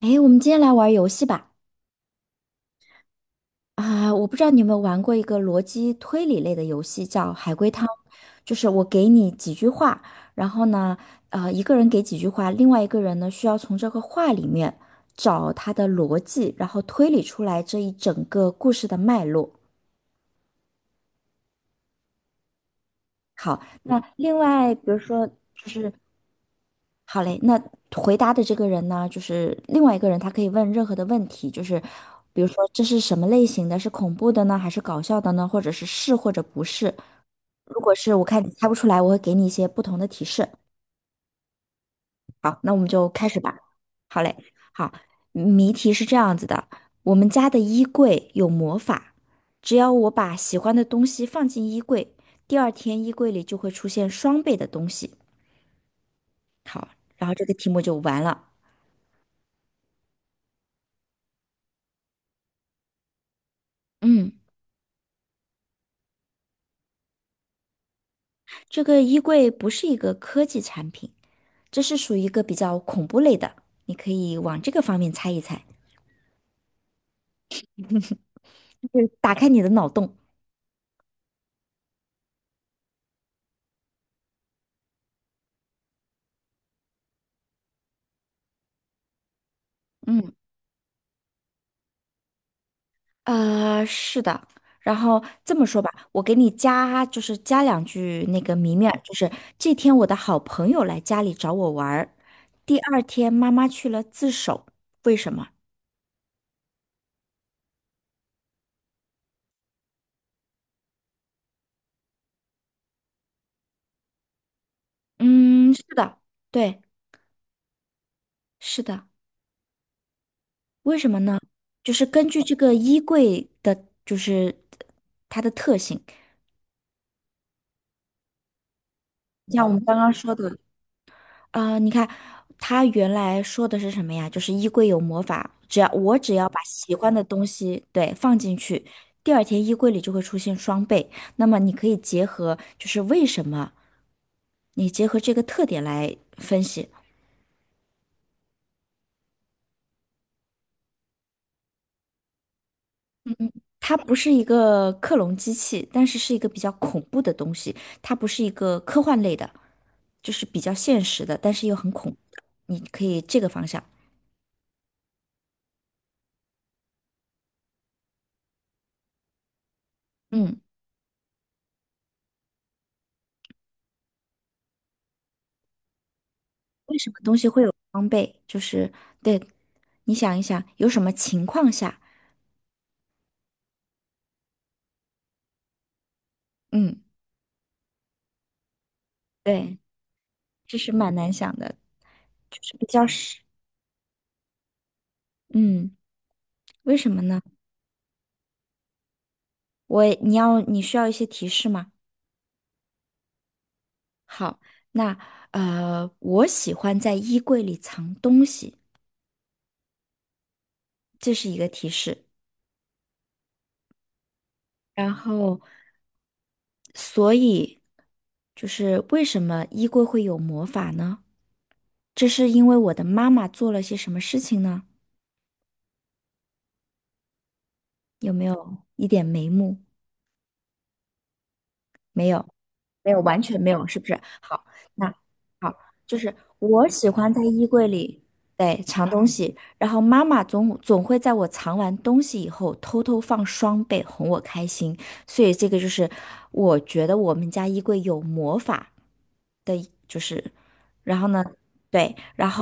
哎，我们今天来玩儿游戏吧。啊，我不知道你有没有玩过一个逻辑推理类的游戏，叫海龟汤。就是我给你几句话，然后呢，一个人给几句话，另外一个人呢需要从这个话里面找他的逻辑，然后推理出来这一整个故事的脉络。那另外，比如说，就是好嘞，那回答的这个人呢，就是另外一个人，他可以问任何的问题，就是比如说这是什么类型的，是恐怖的呢，还是搞笑的呢，或者是或者不是。如果是我看你猜不出来，我会给你一些不同的提示。好，那我们就开始吧。好嘞，好，谜题是这样子的：我们家的衣柜有魔法，只要我把喜欢的东西放进衣柜，第二天衣柜里就会出现双倍的东西，然后这个题目就完了。嗯。这个衣柜不是一个科技产品，这是属于一个比较恐怖类的，你可以往这个方面猜一猜，就是打开你的脑洞。嗯，是的。然后这么说吧，我给你加，就是加两句那个谜面儿就是这天我的好朋友来家里找我玩儿，第二天妈妈去了自首，为什么？嗯，是的，对，是的，为什么呢？就是根据这个衣柜的，就是它的特性。像我们刚刚说，啊、你看他原来说的是什么呀？就是衣柜有魔法，只要我把喜欢的东西对放进去，第二天衣柜里就会出现双倍。那么你可以结合，就是为什么你结合这个特点来分析。它不是一个克隆机器，但是是一个比较恐怖的东西。它不是一个科幻类的，就是比较现实的，但是又很恐怖的你可以这个方向，嗯。为什么东西会有装备？就是对，你想一想，有什么情况下？嗯，对，这是蛮难想的，就是比较是，嗯，为什么呢？你要你需要一些提示吗？好，那我喜欢在衣柜里藏东西，这是一个提示。然后，所以就是为什么衣柜会有魔法呢？这是因为我的妈妈做了些什么事情呢？有没有一点眉目？没有。没有，完全没有，是不是？好，那好，就是我喜欢在衣柜里，对，藏东西，然后妈妈总会在我藏完东西以后偷偷放双倍哄我开心，所以这个就是我觉得我们家衣柜有魔法的一就是，然后呢，对，然后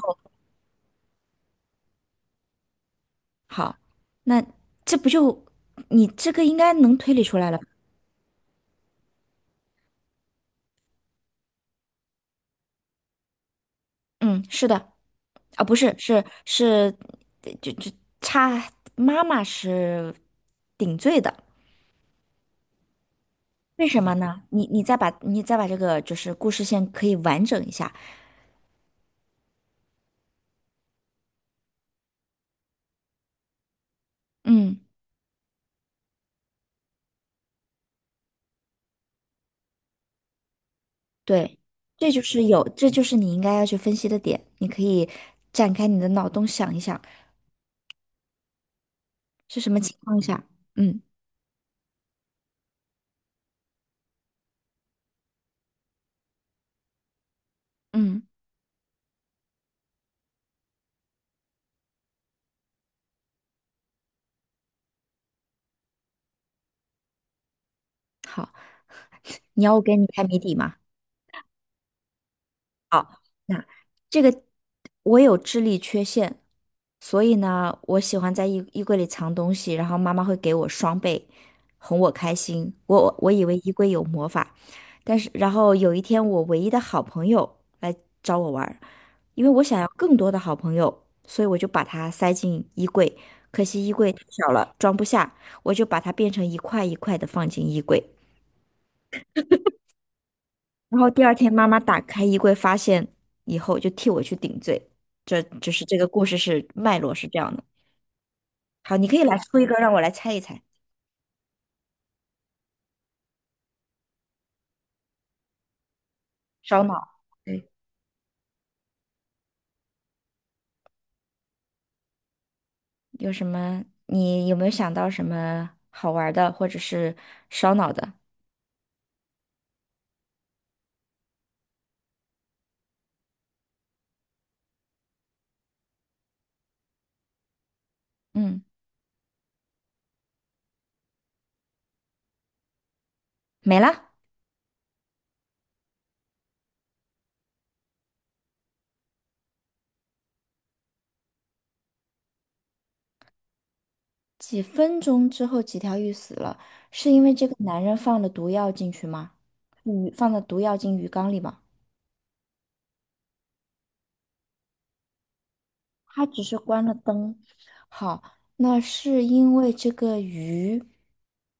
好，那这不就这个应该能推理出来了吧嗯，是的。啊，不是，是，就差妈妈是顶罪的，为什么呢？你再把你再把这个就是故事线可以完整一下，嗯，对，这就是有，这就是你应该要去分析的点，你可以展开你的脑洞想一想是什么情况下，嗯嗯，好，你要我给你开谜底吗？那这个我有智力缺陷，所以呢，我喜欢在衣柜里藏东西，然后妈妈会给我双倍，哄我开心。我以为衣柜有魔法，但是然后有一天，我唯一的好朋友来找我玩儿，因为我想要更多的好朋友，所以我就把它塞进衣柜。可惜衣柜太小了，装不下，我就把它变成一块一块的放进衣柜。然后第二天妈妈打开衣柜发现以后，就替我去顶罪。这就是这个故事是脉络是这样的。好，你可以来出一个让我来猜一猜，烧脑。对，有什么？你有没有想到什么好玩儿的，或者是烧脑的？嗯，没了。几分钟之后，几条鱼死了，是因为这个男人放了毒药进去吗？鱼放了毒药进鱼缸里吗？他只是关了灯。好，那是因为这个鱼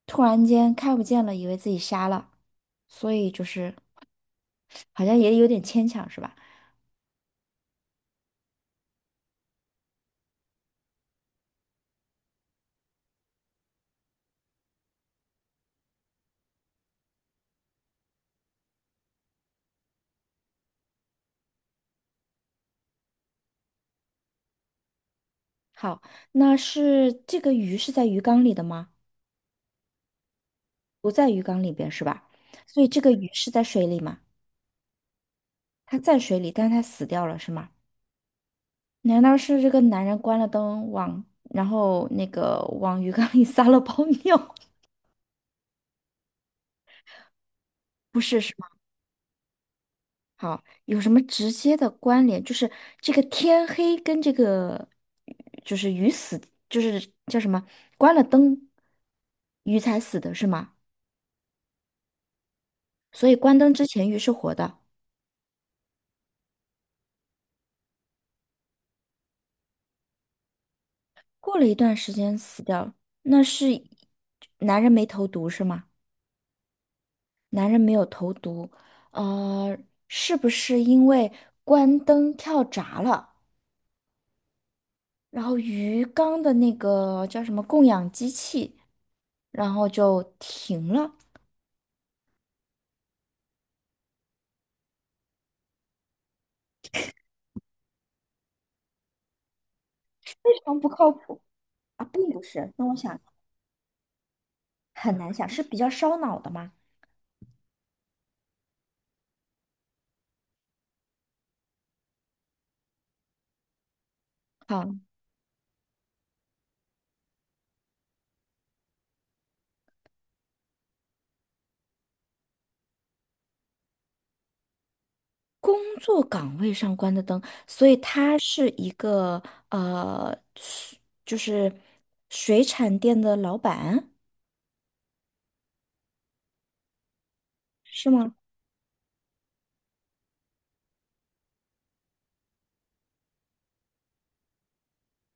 突然间看不见了，以为自己瞎了，所以就是好像也有点牵强，是吧？好，那是这个鱼是在鱼缸里的吗？不在鱼缸里边是吧？所以这个鱼是在水里吗？它在水里，但是它死掉了是吗？难道是这个男人关了灯往，然后那个往鱼缸里撒了泡尿？不是，是。好，有什么直接的关联？就是这个天黑跟这个，就是鱼死，就是叫什么？关了灯，鱼才死的是吗？所以关灯之前鱼是活的，过了一段时间死掉，那是男人没投毒是吗？男人没有投毒，呃，是不是因为关灯跳闸了，然后鱼缸的那个叫什么供氧机器，然后就停了？嗯，不靠谱啊，并不是。那我想很难想，是比较烧脑的吗？好，工作岗位上关的灯，所以他是一个水就是水产店的老板，是吗？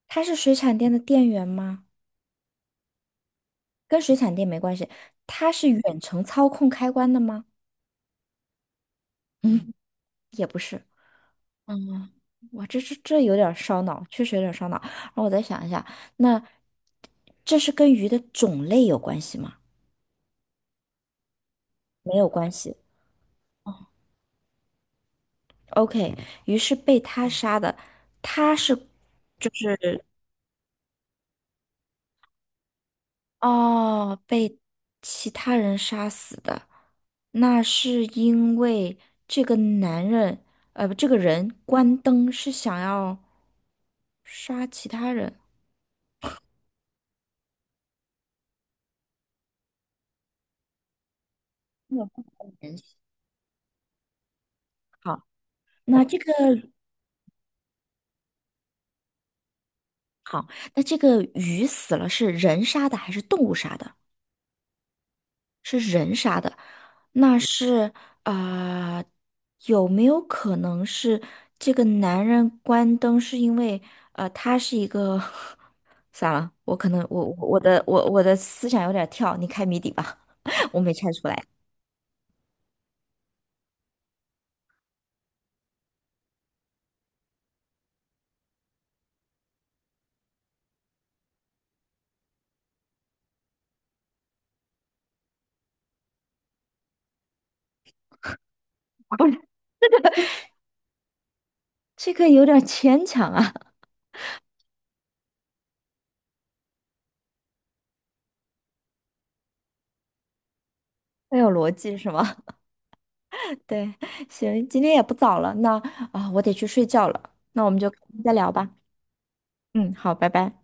他是水产店的店员吗？跟水产店没关系，他是远程操控开关的吗？嗯，也不是。嗯，哇，这这有点儿烧脑，确实有点儿烧脑。然后我再想一下，那这是跟鱼的种类有关系吗？没有关系。OK，于是被他杀的，他是就是哦，被其他人杀死的，那是因为这个男人，不这个人关灯是想要杀其他人。没人好，那这个好，那这个鱼死了是人杀的还是动物杀的？是人杀的，那是啊、呃有没有可能是这个男人关灯是因为他是一个 算了，我可能我的思想有点跳，你开谜底吧，我没猜出来。不是这个有点牵强啊，要有逻辑是吗？对，行，今天也不早了，那啊、我得去睡觉了，那我们就再聊吧。嗯，好，拜拜。